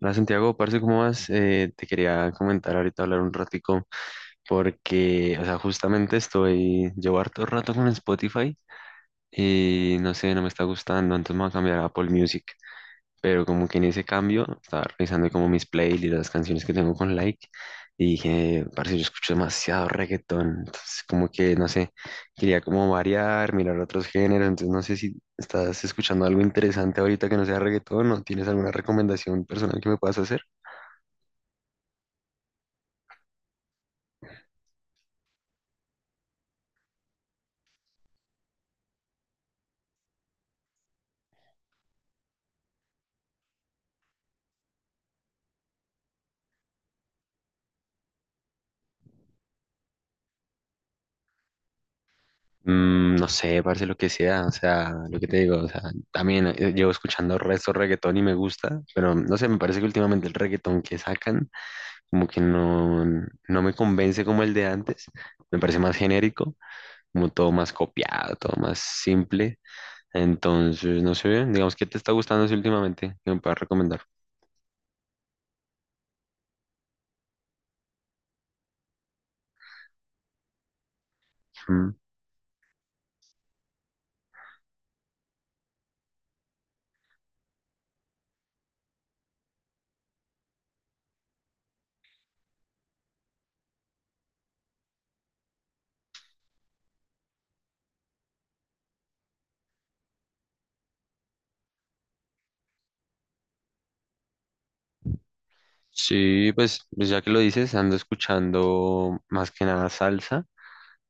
Hola Santiago, parce, ¿cómo vas? Te quería comentar ahorita, hablar un ratico, porque, o sea, justamente estoy, llevo harto rato con Spotify y no sé, no me está gustando, entonces me voy a cambiar a Apple Music, pero como que en ese cambio estaba revisando como mis playlists y las canciones que tengo con like y dije, parce, yo escucho demasiado reggaetón, entonces como que, no sé, quería como variar, mirar otros géneros, entonces no sé si estás escuchando algo interesante ahorita que no sea reggaetón o tienes alguna recomendación personal que me puedas hacer. No sé, parece lo que sea, o sea, lo que te digo, o sea, también llevo escuchando resto reggaetón y me gusta, pero no sé, me parece que últimamente el reggaetón que sacan como que no, no me convence como el de antes, me parece más genérico, como todo más copiado, todo más simple, entonces, no sé, digamos, ¿qué te está gustando así últimamente? ¿Qué me puedas recomendar? Mm. Sí, pues ya que lo dices, ando escuchando más que nada salsa.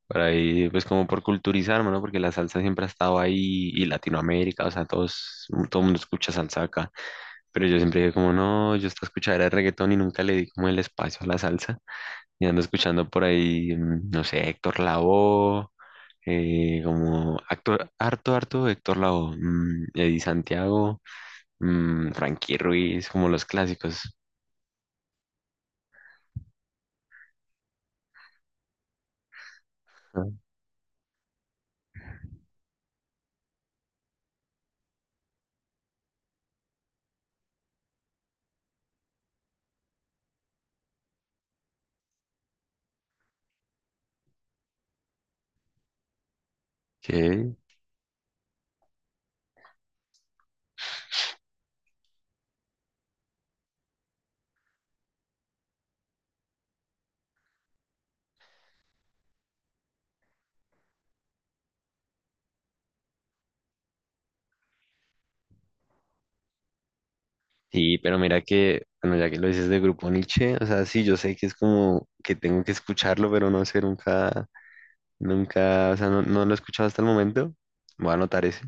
Para ahí, pues como por culturizarme, ¿no? Porque la salsa siempre ha estado ahí y Latinoamérica, o sea, todos, todo el mundo escucha salsa acá. Pero yo siempre dije como, no, yo estaba escuchando el reggaetón y nunca le di como el espacio a la salsa. Y ando escuchando por ahí, no sé, Héctor Lavoe, como actor, harto Héctor Lavoe, Eddie Santiago, Frankie Ruiz, como los clásicos. Ok. Sí, pero mira que, bueno, ya que lo dices de Grupo Nietzsche, o sea, sí, yo sé que es como que tengo que escucharlo, pero no sé, nunca, o sea, no lo he escuchado hasta el momento. Voy a anotar ese,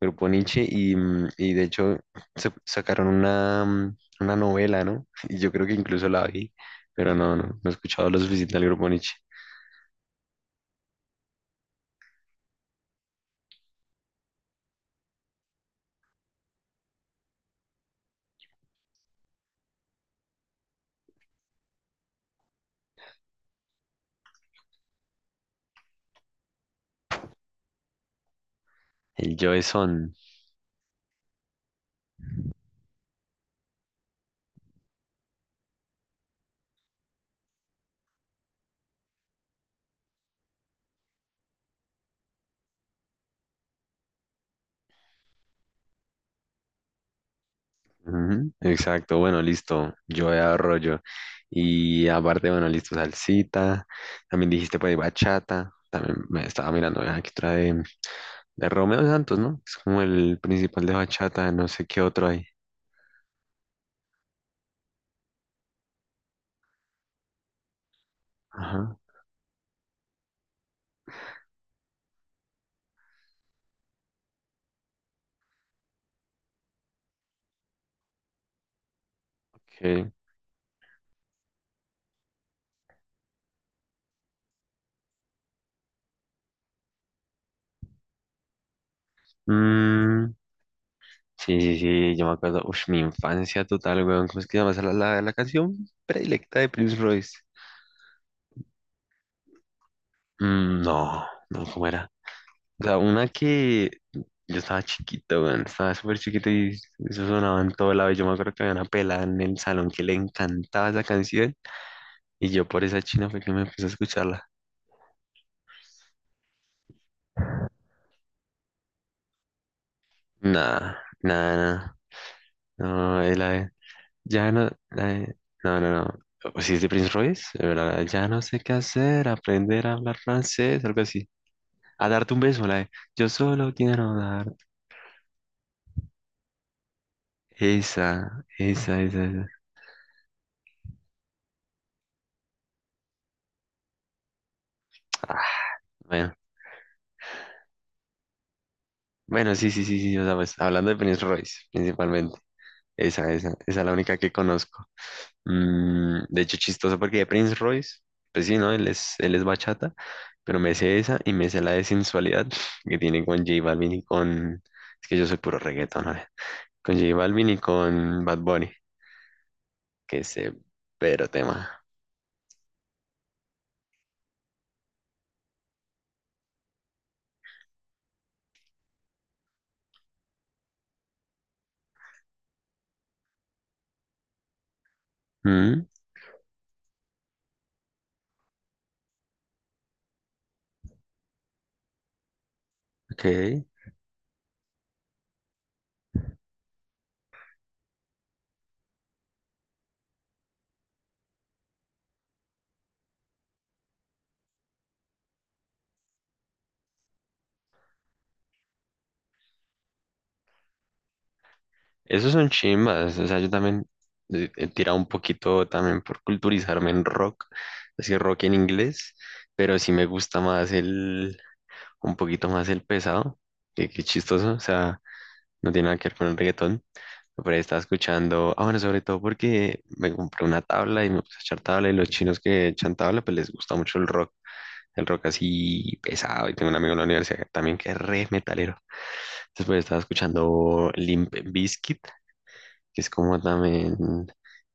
Grupo Nietzsche, y, y de hecho sacaron una, una novela, ¿no? Y yo creo que incluso la vi, pero no he escuchado lo suficiente al Grupo Nietzsche. El Joe Son. Ujú. Exacto, bueno, listo, yo arroyo. Y aparte, bueno, listo, salsita, también dijiste pues bachata, también me estaba mirando aquí otra de Romeo Santos, ¿no? Es como el principal de bachata, no sé qué otro hay. Ajá, ok. Mm, sí, sí, sí, yo me acuerdo, uff, mi infancia total, weón, ¿cómo es que llamas la canción predilecta de Prince Royce? Mm, no, no, ¿cómo era? O sea, una que yo estaba chiquito, weón, estaba súper chiquito y eso sonaba en todo lado. Y yo me acuerdo que había una pelada en el salón que le encantaba esa canción. Y yo por esa china fue que me empecé a escucharla. Nada, nada, nada. No, ya no, no, no, no. O si es de Prince Royce, la de, ya no sé qué hacer, aprender a hablar francés, algo así. A darte un beso, la de, yo solo quiero dar. Esa, esa, esa, esa. Ah, bueno, bueno, sí, sí, sí, sí. O sea, pues hablando de Prince Royce, principalmente. Esa es la única que conozco. De hecho, chistoso porque de Prince Royce, pues sí, ¿no? Él es bachata, pero me sé esa y me sé la de sensualidad que tiene con J Balvin y con... Es que yo soy puro reggaetón, ¿no? Con J Balvin y con Bad Bunny, que es pero tema. Mm, ok. Esos son chimbas, o sea, yo también he tirado un poquito también por culturizarme en rock, así rock en inglés, pero sí me gusta más el un poquito más el pesado, que qué chistoso, o sea, no tiene nada que ver con el reggaetón, pero ahí estaba escuchando, ah, bueno, sobre todo porque me compré una tabla y me puse a echar tabla y los chinos que echan tabla, pues les gusta mucho el rock así pesado, y tengo un amigo en la universidad también que es re metalero, después estaba escuchando Limp Bizkit, que es como también...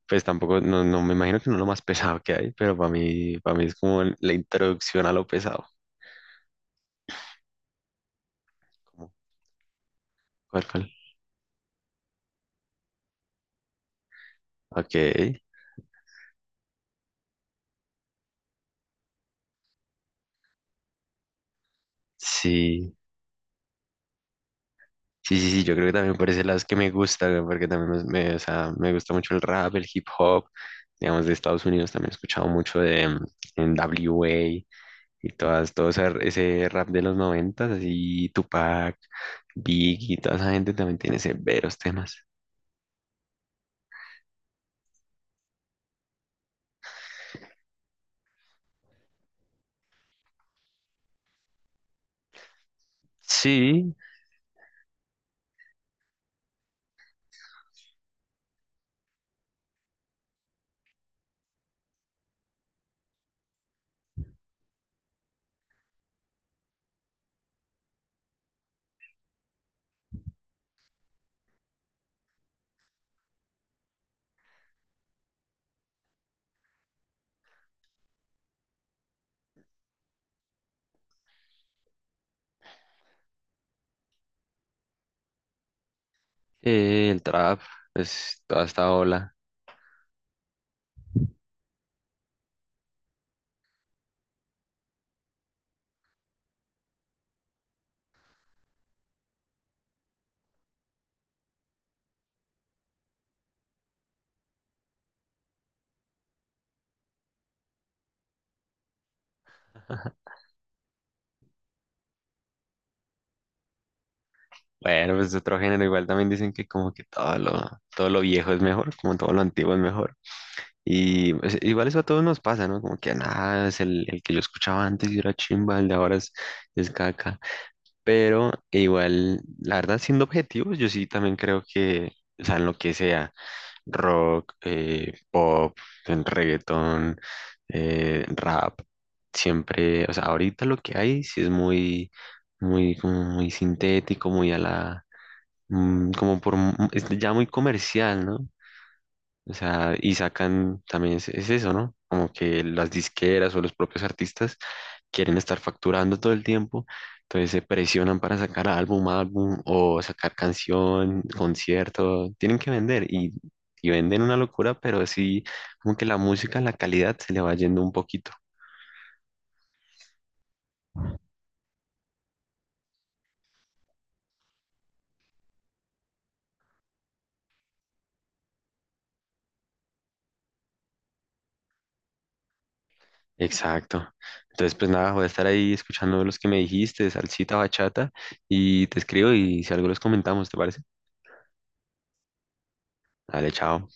Pues tampoco, no me imagino que no es lo más pesado que hay, pero para mí es como la introducción a lo pesado. Como, ¿cuál? Ok, sí. Sí, sí, sí, yo creo que también por ese lado es que me gusta, güey, porque también o sea, me gusta mucho el rap, el hip hop, digamos, de Estados Unidos también he escuchado mucho de NWA y todas, todo ese, ese rap de los noventas, así Tupac, Big y toda esa gente también tiene severos temas. Sí, el trap, pues toda esta ola. Bueno, pues otro género, igual también dicen que como que todo lo viejo es mejor, como todo lo antiguo es mejor. Y pues, igual eso a todos nos pasa, ¿no? Como que nada, es el que yo escuchaba antes y era chimba, el de ahora es caca. Pero igual, la verdad, siendo objetivos, yo sí también creo que, o sea, en lo que sea, rock, pop, en reggaetón, rap, siempre, o sea, ahorita lo que hay sí es como muy sintético, muy a la, como es ya muy comercial, ¿no? O sea, y sacan también es eso, ¿no? Como que las disqueras o los propios artistas quieren estar facturando todo el tiempo, entonces se presionan para sacar álbum, álbum o sacar canción, concierto, tienen que vender y venden una locura, pero sí, como que la música, la calidad se le va yendo un poquito. Exacto. Entonces, pues nada, voy a estar ahí escuchando los que me dijiste, salsita, bachata, y te escribo y si algo los comentamos, ¿te parece? Dale, chao.